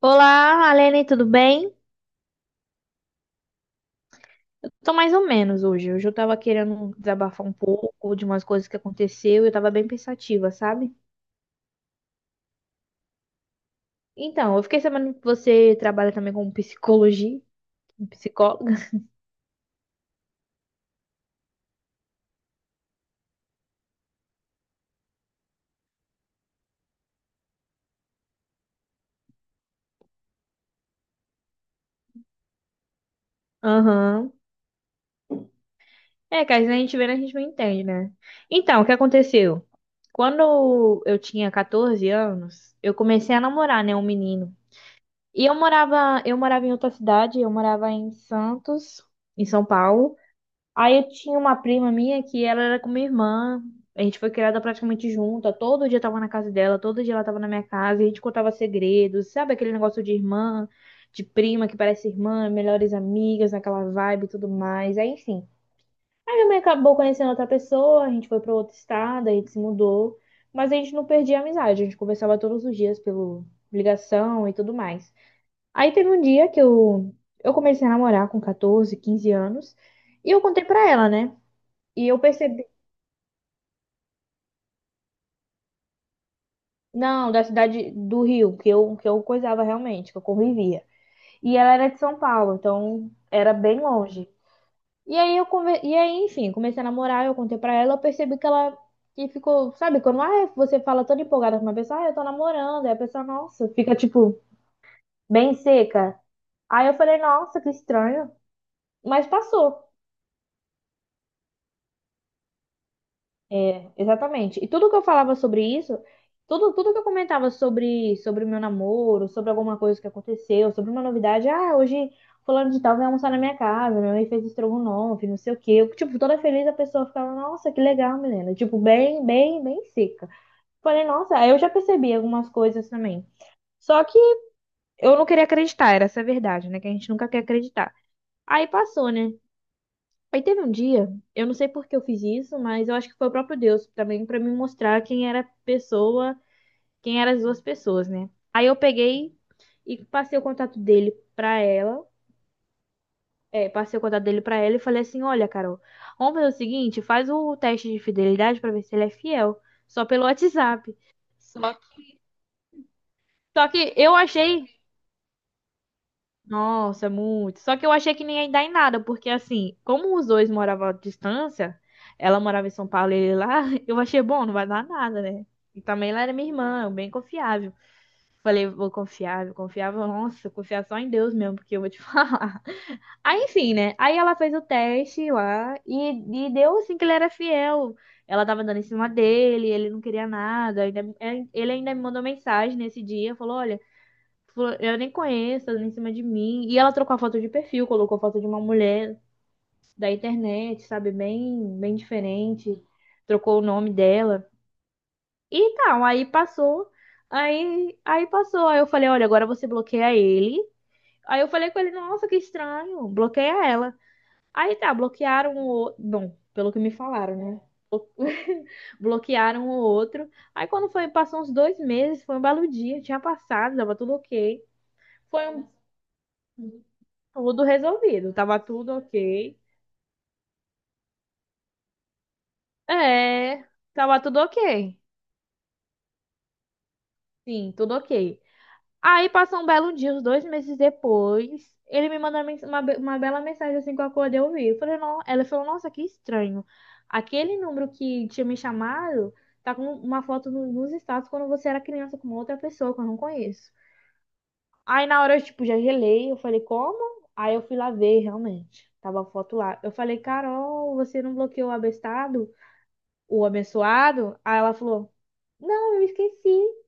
Olá, Alene, tudo bem? Eu tô mais ou menos hoje. Hoje eu tava querendo desabafar um pouco de umas coisas que aconteceu e eu tava bem pensativa, sabe? Então, eu fiquei sabendo que você trabalha também com psicologia, com psicóloga. Aham. É, que às vezes a gente vê, né, a gente não entende, né? Então, o que aconteceu? Quando eu tinha 14 anos, eu comecei a namorar, né, um menino. E eu morava em outra cidade, eu morava em Santos, em São Paulo. Aí eu tinha uma prima minha que ela era com minha irmã. A gente foi criada praticamente junta. Todo dia eu tava na casa dela, todo dia ela tava na minha casa. E a gente contava segredos, sabe aquele negócio de irmã, de prima que parece irmã, melhores amigas, aquela vibe e tudo mais. Aí, enfim. Aí minha mãe acabou conhecendo outra pessoa, a gente foi pra outro estado, a gente se mudou. Mas a gente não perdia a amizade, a gente conversava todos os dias pelo ligação e tudo mais. Aí teve um dia que eu comecei a namorar com 14, 15 anos. E eu contei pra ela, né? E eu percebi. Não, da cidade do Rio, que eu coisava realmente, que eu convivia. E ela era de São Paulo, então era bem longe. E aí enfim, comecei a namorar, eu contei pra ela, eu percebi que ficou, sabe, quando ah, você fala toda empolgada com uma pessoa, ah, eu tô namorando, aí a pessoa, nossa, fica tipo bem seca. Aí eu falei, nossa, que estranho, mas passou. Exatamente. E tudo que eu falava sobre isso, tudo, tudo que eu comentava sobre o meu namoro, sobre alguma coisa que aconteceu, sobre uma novidade, ah, hoje fulano de tal vai almoçar na minha casa, minha mãe fez estrogonofe, não sei o quê. Eu, tipo, toda feliz a pessoa ficava, nossa, que legal, menina. Tipo, bem, bem, bem seca. Falei, nossa, aí eu já percebi algumas coisas também. Só que eu não queria acreditar, era essa a verdade, né? Que a gente nunca quer acreditar. Aí passou, né? Aí teve um dia, eu não sei por que eu fiz isso, mas eu acho que foi o próprio Deus também pra me mostrar quem era a pessoa, quem eram as duas pessoas, né? Aí eu peguei e passei o contato dele pra ela, é, passei o contato dele pra ela e falei assim: "Olha, Carol, vamos fazer o seguinte, faz o teste de fidelidade pra ver se ele é fiel, só pelo WhatsApp". Só, só que eu achei. Nossa, muito. Só que eu achei que nem ia dar em nada, porque assim, como os dois moravam à distância, ela morava em São Paulo e ele lá, eu achei bom, não vai dar nada, né? E também ela era minha irmã, eu bem confiável. Falei, vou confiar, nossa, confiar só em Deus mesmo, porque eu vou te falar. Aí, enfim, né? Aí ela fez o teste lá e deu assim que ele era fiel. Ela tava dando em cima dele, ele não queria nada. É, ele ainda me mandou mensagem nesse dia, falou, olha. Falou, eu nem conheço, ela em cima de mim. E ela trocou a foto de perfil, colocou foto de uma mulher da internet, sabe? Bem, bem diferente. Trocou o nome dela. E tal, aí passou. Aí passou. Aí eu falei, olha, agora você bloqueia ele. Aí eu falei com ele, nossa, que estranho. Bloqueia ela. Aí tá, bloquearam o. outro. Bom, pelo que me falaram, né? Bloquearam o outro. Aí quando foi, passou uns 2 meses, foi um belo dia, tinha passado, tava tudo ok. Foi um Tudo resolvido, tava tudo ok. É, tava tudo ok. Sim, tudo ok. Aí passou um belo dia, uns 2 meses depois, ele me mandou uma bela mensagem assim que eu acordei eu vi. Eu falei, não, ela falou, nossa, que estranho. Aquele número que tinha me chamado tá com uma foto nos status quando você era criança com outra pessoa que eu não conheço. Aí na hora eu, tipo, já gelei, eu falei, como? Aí eu fui lá ver, realmente. Tava a foto lá. Eu falei, Carol, você não bloqueou o abestado? O abençoado, aí ela falou: não, eu esqueci.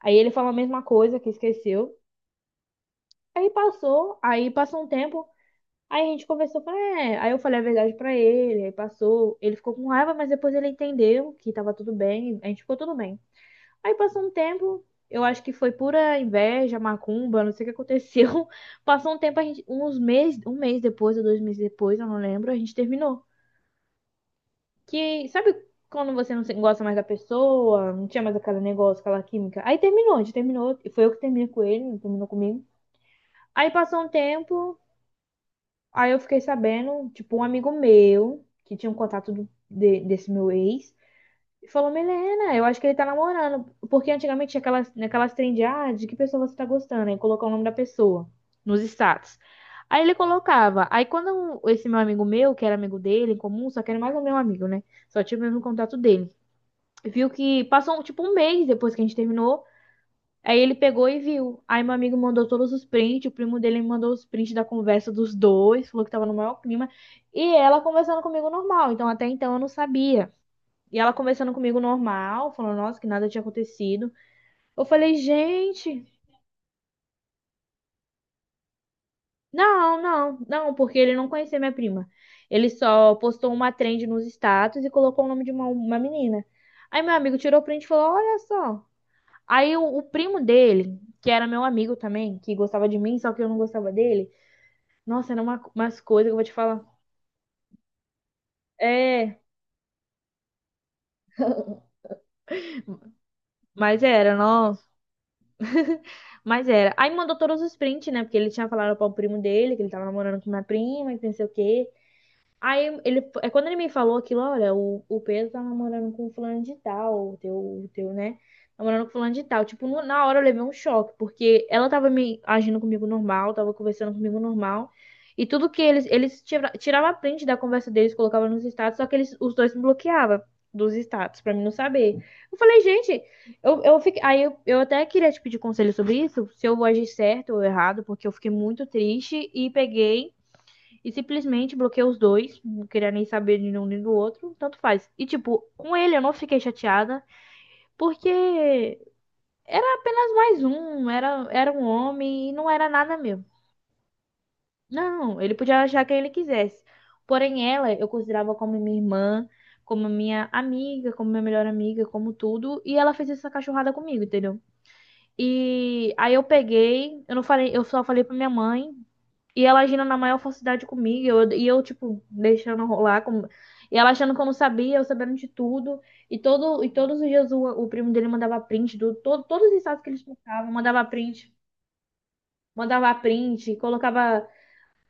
Aí ele falou a mesma coisa, que esqueceu. Aí passou um tempo, aí a gente conversou, falei, é. Aí eu falei a verdade pra ele, aí passou. Ele ficou com raiva, mas depois ele entendeu que tava tudo bem, a gente ficou tudo bem. Aí passou um tempo, eu acho que foi pura inveja, macumba, não sei o que aconteceu. Passou um tempo, a gente, uns meses, um mês depois ou 2 meses depois, eu não lembro, a gente terminou. Que, sabe quando você gosta mais da pessoa, não tinha mais aquele negócio, aquela química? Aí terminou, a gente terminou, e foi eu que terminei com ele, não terminou comigo. Aí passou um tempo, aí eu fiquei sabendo, tipo, um amigo meu, que tinha um contato desse meu ex, falou, Milena, eu acho que ele tá namorando, porque antigamente tinha aquelas trend, de, ah, de que pessoa você tá gostando, aí colocar o nome da pessoa nos status. Aí ele colocava. Aí quando esse meu amigo meu, que era amigo dele em comum, só que era mais o meu amigo, né? Só tinha o mesmo contato dele, viu que passou tipo 1 mês depois que a gente terminou. Aí ele pegou e viu. Aí meu amigo mandou todos os prints, o primo dele me mandou os prints da conversa dos dois, falou que tava no maior clima. E ela conversando comigo normal, então até então eu não sabia. E ela conversando comigo normal, falando, nossa, que nada tinha acontecido. Eu falei, gente, não, não, não, porque ele não conhecia minha prima. Ele só postou uma trend nos status e colocou o nome de uma menina. Aí meu amigo tirou o print e falou, olha só. Aí o primo dele, que era meu amigo também, que gostava de mim, só que eu não gostava dele. Nossa, era uma, umas coisas que eu vou te falar. É, mas era, nossa. Mas era. Aí mandou todos os prints, né? Porque ele tinha falado para o primo dele, que ele tava namorando com minha prima, que não sei o quê. Aí ele, é quando ele me falou aquilo, olha, o Pedro tá namorando com fulano de tal, o teu, né? Namorando com fulano de tal. Tipo, na hora eu levei um choque, porque ela tava me agindo comigo normal, tava conversando comigo normal. E tudo que eles tira, tirava print da conversa deles, colocava nos status, só que eles, os dois me bloqueavam dos status, pra mim não saber. Eu falei, gente, eu fiquei, aí eu até queria te pedir conselho sobre isso, se eu agi certo ou errado, porque eu fiquei muito triste e peguei. E simplesmente bloqueei os dois, não queria nem saber de um nem do outro, tanto faz. E tipo, com ele eu não fiquei chateada, porque era apenas mais um, era, era um homem e não era nada meu. Não, ele podia achar quem ele quisesse. Porém, ela eu considerava como minha irmã, como minha amiga, como minha melhor amiga, como tudo, e ela fez essa cachorrada comigo, entendeu? E aí eu peguei, eu não falei, eu só falei pra minha mãe. E ela agindo na maior falsidade comigo, e eu, tipo, deixando rolar, como, e ela achando que eu não sabia, eu sabendo de tudo. E, todo, e todos os dias o primo dele mandava print, do, todo, todos os estados que eles postavam, mandava print, colocava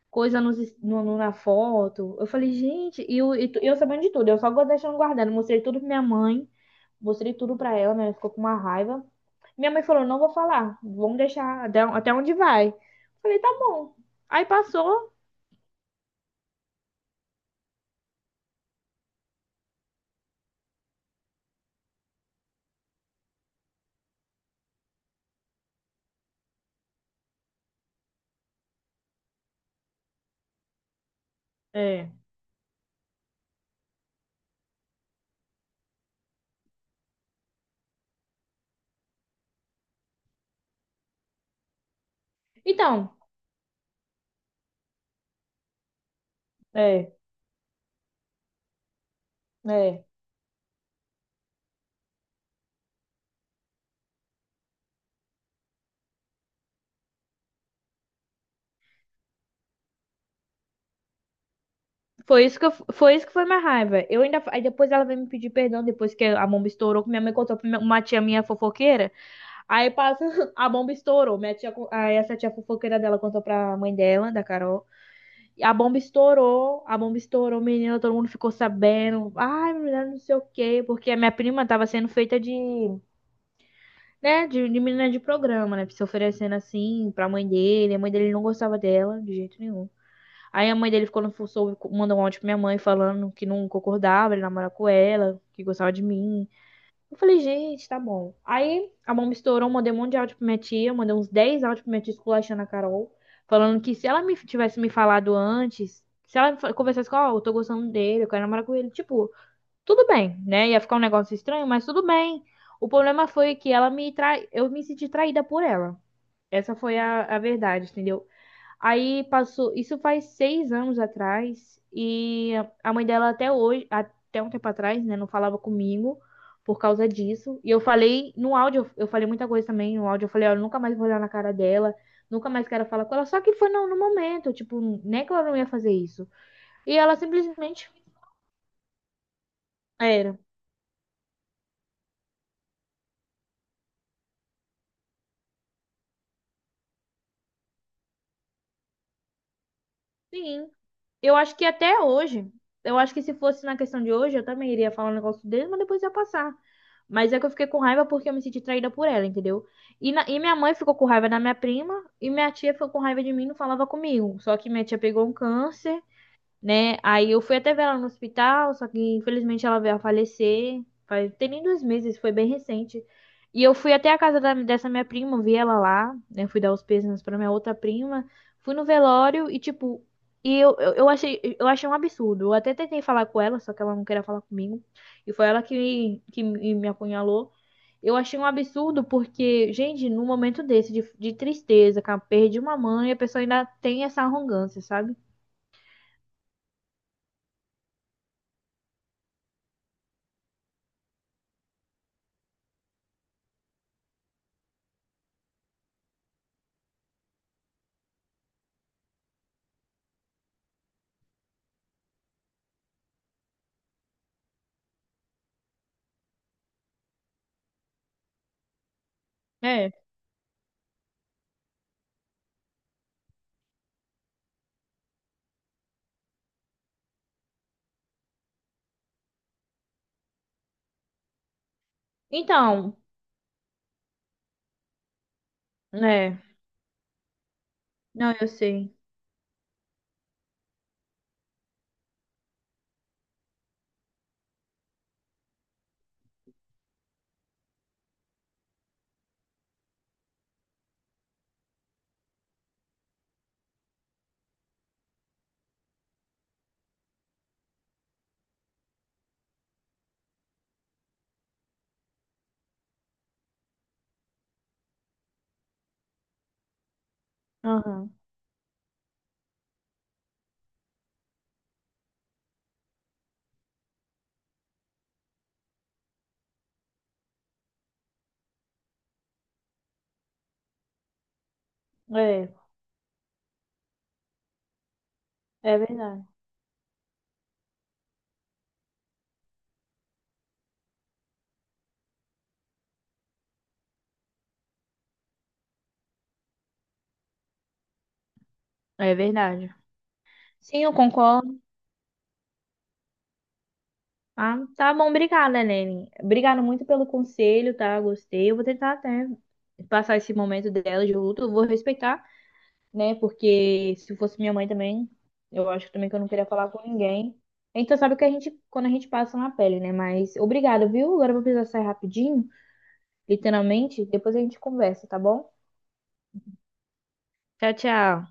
coisa nos, na foto. Eu falei, gente, e, eu sabendo de tudo, eu deixando guardando. Mostrei tudo pra minha mãe, mostrei tudo pra ela, né? Ela ficou com uma raiva. Minha mãe falou, não vou falar, vamos deixar até onde vai. Eu falei, tá bom. Aí passou. É. Então, é, é. Foi isso que eu, foi isso que foi minha raiva. Eu ainda, aí depois ela veio me pedir perdão depois que a bomba estourou, que minha mãe contou uma tia minha fofoqueira. Aí passa, a bomba estourou. Minha tia, co-, aí essa tia fofoqueira dela contou pra mãe dela, da Carol. E a bomba estourou, menina, todo mundo ficou sabendo. Ai, menina, não sei o quê, porque a minha prima tava sendo feita de, né, de menina de programa, né, se oferecendo assim pra mãe dele. A mãe dele não gostava dela de jeito nenhum. Aí a mãe dele ficou no soube, mandou um áudio pra minha mãe falando que não concordava, ele namorava com ela, que gostava de mim. Eu falei, gente, tá bom. Aí a mão me estourou, mandei um monte de áudio pra minha tia, mandei uns 10 áudios pra minha tia esculachando a Carol, falando que se ela me tivesse me falado antes, se ela conversasse com, ó, oh, eu tô gostando dele, eu quero namorar com ele, tipo, tudo bem, né? Ia ficar um negócio estranho, mas tudo bem. O problema foi que ela me trai, eu me senti traída por ela. Essa foi a verdade, entendeu? Aí passou, isso faz 6 anos atrás, e a mãe dela até hoje, até um tempo atrás, né, não falava comigo por causa disso. E eu falei no áudio, eu falei muita coisa também no áudio, eu falei, olha, eu nunca mais vou olhar na cara dela, nunca mais quero falar com ela. Só que foi no momento, tipo, nem que ela não ia fazer isso. E ela simplesmente era. Sim, eu acho que até hoje, eu acho que se fosse na questão de hoje, eu também iria falar um negócio dele, mas depois ia passar. Mas é que eu fiquei com raiva porque eu me senti traída por ela, entendeu? E, e minha mãe ficou com raiva da minha prima, e minha tia ficou com raiva de mim e não falava comigo. Só que minha tia pegou um câncer, né? Aí eu fui até ver ela no hospital, só que infelizmente ela veio a falecer. Faz, tem nem 2 meses, foi bem recente. E eu fui até a casa dessa minha prima, vi ela lá, né? Fui dar os pêsames pra minha outra prima. Fui no velório e, tipo, e eu, eu achei um absurdo. Eu até tentei falar com ela, só que ela não queria falar comigo. E foi ela que me apunhalou. Eu achei um absurdo porque, gente, num momento desse de, tristeza, com a perda de uma mãe, a pessoa ainda tem essa arrogância, sabe? Então, é. Não, eu sei. Aham. É, é verdade. É verdade. Sim, eu concordo. Ah, tá bom, obrigada, Helene. Obrigada muito pelo conselho, tá? Gostei. Eu vou tentar até passar esse momento dela de luto. Eu vou respeitar, né? Porque se fosse minha mãe também, eu acho que também que eu não queria falar com ninguém. Então, sabe que a gente, quando a gente passa na pele, né? Mas obrigada, viu? Agora eu vou precisar sair rapidinho, literalmente. Depois a gente conversa, tá bom? Tchau, tchau.